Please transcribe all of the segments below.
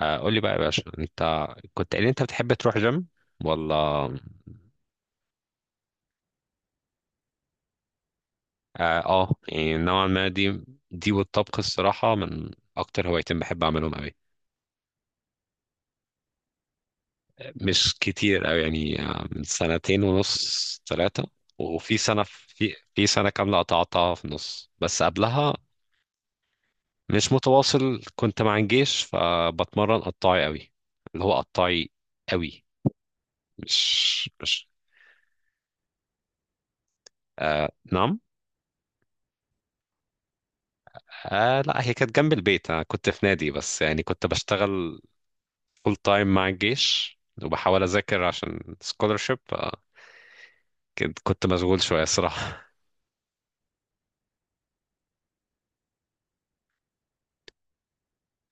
آه، قول لي بقى يا باشا انت كنت قايل انت بتحب تروح جيم ولا يعني نوعا ما دي والطبخ الصراحة من اكتر هوايتين بحب اعملهم قوي. مش كتير قوي يعني من سنتين ونص ثلاثة. وفي سنة في سنة كاملة قطعتها في النص، بس قبلها مش متواصل، كنت مع الجيش فبتمرن قطاعي قوي. اللي هو قطاعي قوي، مش مش آه نعم. آه لا هي كانت جنب البيت، انا كنت في نادي بس يعني كنت بشتغل فول تايم مع الجيش وبحاول اذاكر عشان سكولرشيب. كنت مشغول شويه الصراحه.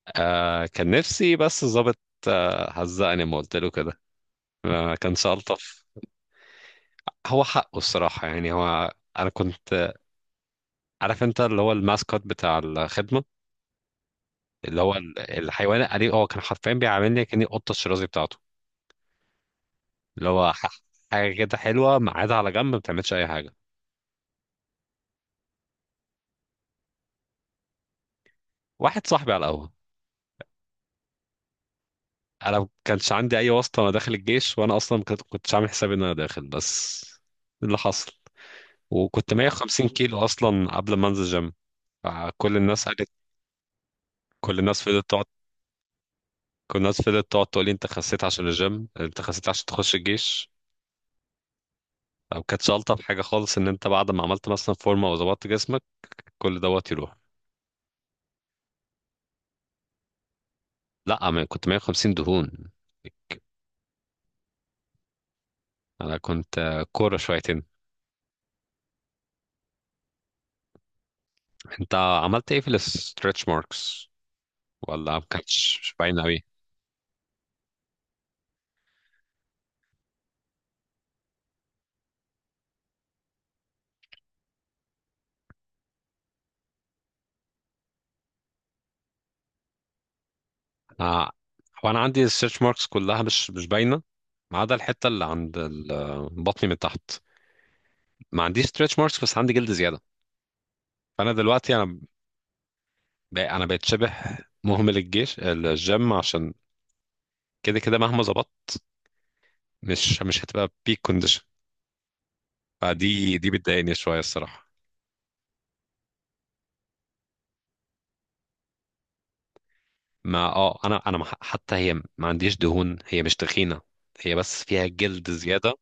آه كان نفسي بس ظابط. آه هزقني ما قلت له كده، ما كانش الطف. هو حقه الصراحه، يعني هو انا كنت عارف انت اللي هو الماسكوت بتاع الخدمه، اللي هو الحيوان الأليف، هو كان حرفيا بيعاملني كأني قطة الشرازي بتاعته. اللي هو حاجة كده حلوة قاعدة على جنب ما بتعملش أي حاجة. واحد صاحبي على القهوة. انا ما كانش عندي اي واسطه وانا داخل الجيش، وانا اصلا ما كنت- كنتش عامل حسابي ان انا داخل، بس ده اللي حصل. وكنت 150 كيلو اصلا قبل ما انزل جيم. كل الناس قالت، كل الناس فضلت تقعد، كل الناس فضلت تقعد تقول لي انت خسيت عشان الجيم، انت خسيت عشان تخش الجيش. او كانتش الطف حاجه خالص ان انت بعد ما عملت مثلا فورمه وظبطت جسمك كل دوت يروح. لا انا كنت 150 دهون. انا كنت كوره شويتين. انت عملت ايه في الستريتش ماركس؟ ولا ما كانتش باينه قوي؟ آه، هو انا عندي السيرش ماركس كلها مش باينه، ما عدا الحته اللي عند بطني من تحت. ما عنديش ستريتش ماركس بس عندي جلد زياده. فانا دلوقتي انا بقيت شبه مهمل الجيش الجيم، عشان كده كده مهما ظبطت مش هتبقى بيك كونديشن. فدي بتضايقني شويه الصراحه. ما اه انا انا ما- حتى هي ما عنديش دهون، هي مش تخينه، هي بس فيها جلد زياده.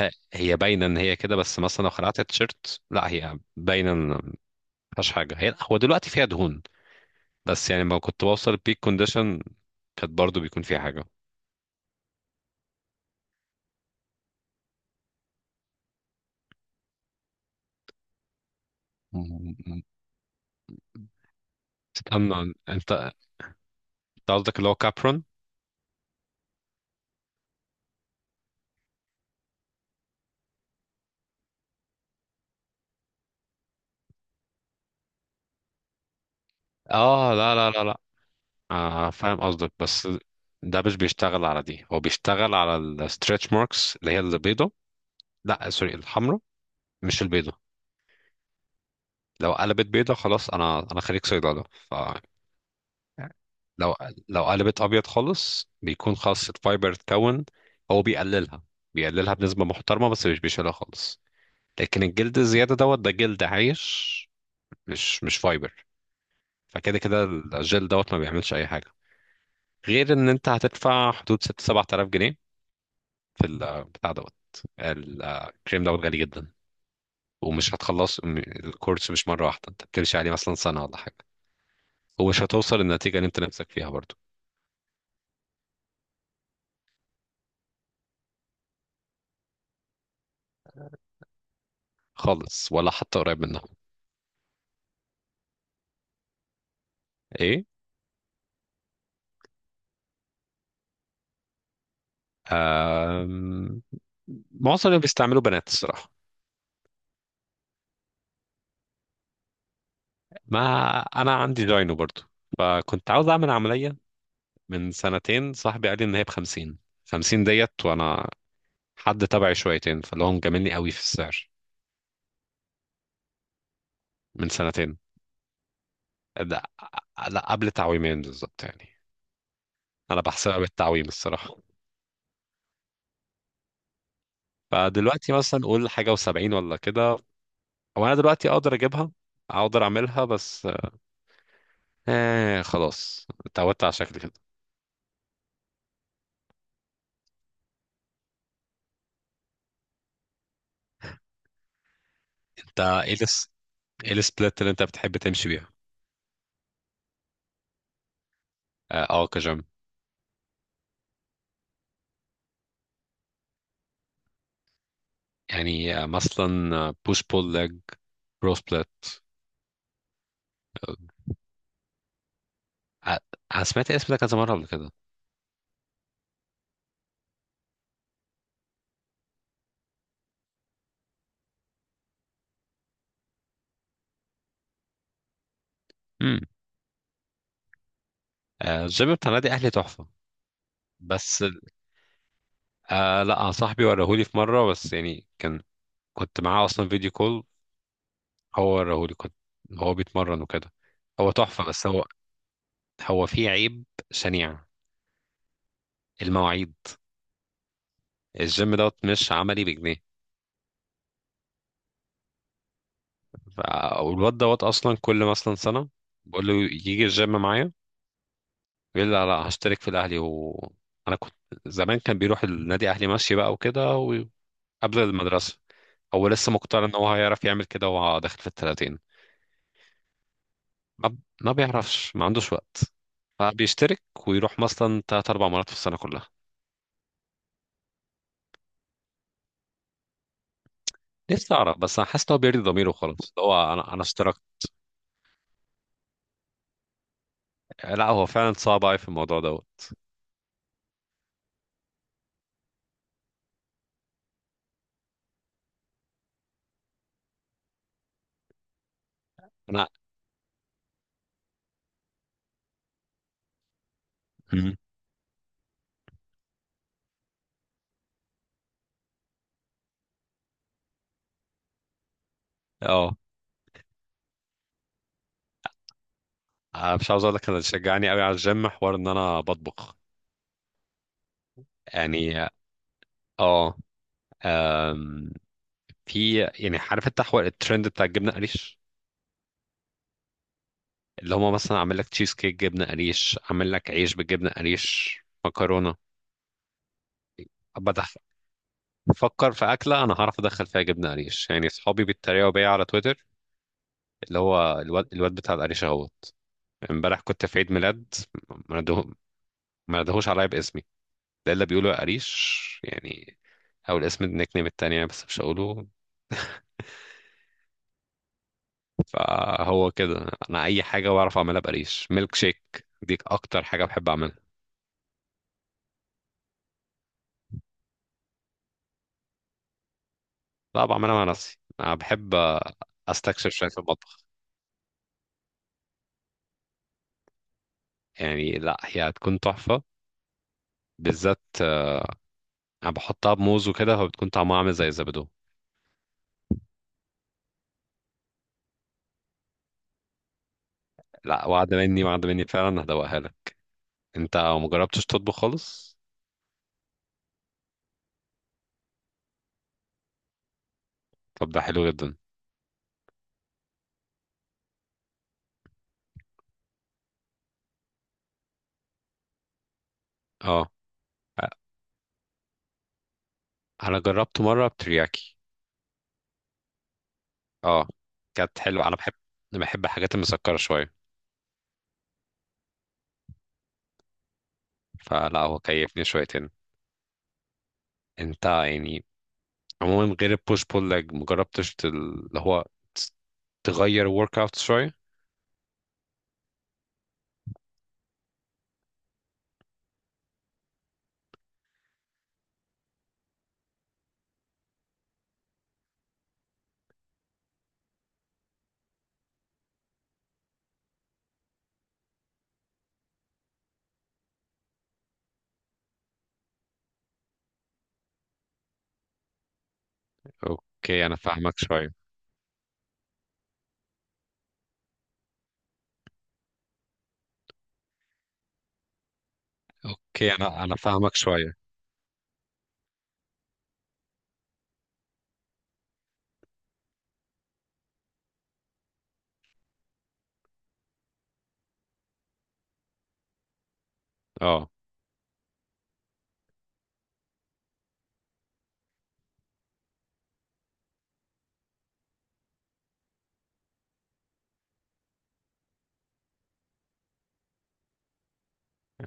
هي باينه ان هي كده، بس مثلا لو خلعت التيشيرت لا هي باينه ان مفيهاش حاجه، هي هو دلوقتي فيها دهون، بس يعني ما كنت بوصل البيك كونديشن كانت برضو بيكون فيها حاجة. مم. استنى، انت، انت قصدك اللي هو كابرون؟ اه لا لا لا لا. آه فاهم قصدك، بس ده مش بيشتغل على دي، هو بيشتغل على الستريتش ماركس اللي هي البيضة. لا سوري الحمراء، مش البيضة. لو قلبت بيضة خلاص، انا خريج صيدلة، فلو لو قلبت ابيض خالص بيكون خلاص الفايبر اتكون. هو بيقللها، بيقللها بنسبة محترمة بس مش بيشيلها خالص. لكن الجلد الزيادة دوت ده جلد عايش، مش فايبر. فكده كده الجل دوت ما بيعملش أي حاجة، غير إن أنت هتدفع حدود ست سبعة آلاف جنيه في البتاع دوت. الكريم دوت غالي جدا، ومش هتخلص الكورس مش مرة واحدة، أنت بتمشي عليه مثلا سنة ولا حاجة، ومش هتوصل للنتيجة اللي أنت نفسك فيها برضو. خالص، ولا حتى قريب منها. إيه؟ آم... معظم اللي بيستعملوا بنات الصراحة. ما أنا عندي داينو برضو، فكنت عاوز أعمل عملية. من سنتين صاحبي قال لي ان هي بخمسين، خمسين ديت، وانا حد تبعي شويتين فاللي هو مجاملني قوي في السعر. من سنتين، لا لا قبل تعويمين بالظبط يعني، انا بحسبها بالتعويم الصراحة. فدلوقتي مثلا قول حاجة وسبعين ولا كده. وانا دلوقتي اقدر اجيبها، اقدر اعملها، بس آه خلاص اتعودت على شكل كده. انت ايه الس... ايه السبلت اللي انت بتحب تمشي بيها؟ اه كجيم. يعني مثلا بوش بول ليج، برو سبلت. انا سمعت الاسم ده كذا مرة قبل كده. الجيم بتاع نادي اهلي تحفه. بس آه لا أنا صاحبي وراهولي في مره، بس يعني كان كنت معاه اصلا فيديو كول، هو وراهولي، كنت هو بيتمرن وكده. هو تحفه، بس هو هو فيه عيب شنيع: المواعيد. الجيم دوت مش عملي بجنيه. والواد دوت اصلا كل مثلا سنه بقول له يجي الجيم معايا، يقول لي لا لا هشترك في الاهلي. و انا كنت زمان كان بيروح النادي اهلي ماشي بقى وكده، وقبل المدرسه. هو لسه مقتنع ان هو هيعرف يعمل كده وهو داخل في الثلاثين، ما بيعرفش، ما عندوش وقت. فبيشترك ويروح مثلا تلات أربع مرات في السنة كلها. نفسي أعرف، بس أنا حاسس إن هو بيرضي ضميره خلاص اللي هو أنا اشتركت. لا هو فعلا صعب أوي في الموضوع دوت. أنا. مم. أه. أنا مش عاوز أقول لك، أنا اللي شجعني أوي على الجيم حوار إن أنا بطبخ. يعني أه. أم، في يعني، عارف أنت حوار الترند بتاع الجبنة قريش؟ اللي هما مثلا عامل لك تشيز كيك جبنة قريش، عامل لك عيش بالجبنة قريش، مكرونة. بدخ فكر في أكلة أنا هعرف أدخل فيها جبنة قريش. يعني صحابي بيتريقوا بيا على تويتر، اللي هو الواد, الواد بتاع القريش أهوت. امبارح كنت في عيد ميلاد، ما نده- ما ندهوش عليا باسمي ده إلا بيقولوا يا قريش يعني، أو الاسم النيك نيم التانية بس مش هقوله. فهو كده أنا أي حاجة بعرف أعملها بقريش. ميلك شيك دي أكتر حاجة بحب أعملها. لا بعملها مع نفسي، أنا بحب أستكشف شوية في المطبخ. يعني لا هي هتكون تحفة، بالذات انا بحطها بموز وكده، فبتكون طعمها عامل زي الزبادو. لا وعد مني، وعد مني فعلا هدوقها لك. انت ما جربتش تطبخ خالص؟ طب ده حلو جدا. اه انا جربت مره بترياكي. اه كانت حلوه، انا بحب، انا بحب الحاجات المسكره شويه. فلا هو كيفني شويتين. انت يعني عموما غير البوش بول لج مجربتش اللي هو تس- تغير ورك اوت شويه؟ اوكي انا فاهمك شويه. اوكي انا فاهمك شويه. اه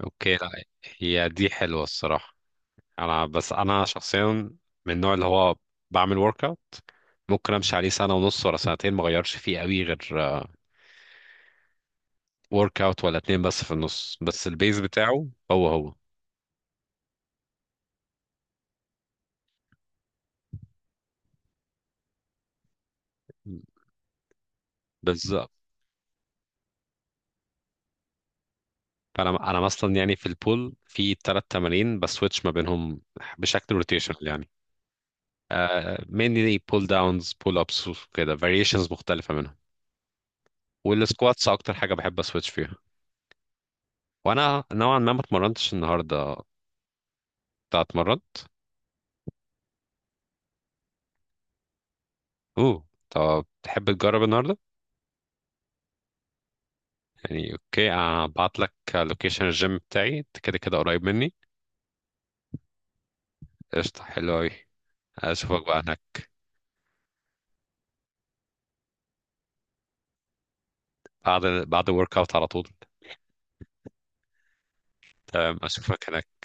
اوكي. لا هي دي حلوه الصراحه. انا بس انا شخصيا من النوع اللي هو بعمل ورك اوت ممكن امشي عليه سنه ونص ولا سنتين ما اغيرش فيه قوي، غير ورك اوت ولا اتنين بس في النص، بس البيز بتاعه هو هو. بالظبط. فانا مثلا يعني في البول في ثلاث تمارين بسويتش ما بينهم بشكل روتيشنال يعني، مينلي بول داونز بول ابس وكده فاريشنز مختلفه منهم. والسكواتس اكتر حاجه بحب اسويتش فيها. وانا نوعا ما ما اتمرنتش النهارده، انت اتمرن؟ اوه طب تحب تجرب النهارده؟ يعني اوكي هبعت لك لوكيشن الجيم بتاعي، انت كده كده قريب مني. قشطة، حلو أوي، أشوفك بقى هناك. بعد الورك أوت على طول. تمام أشوفك هناك.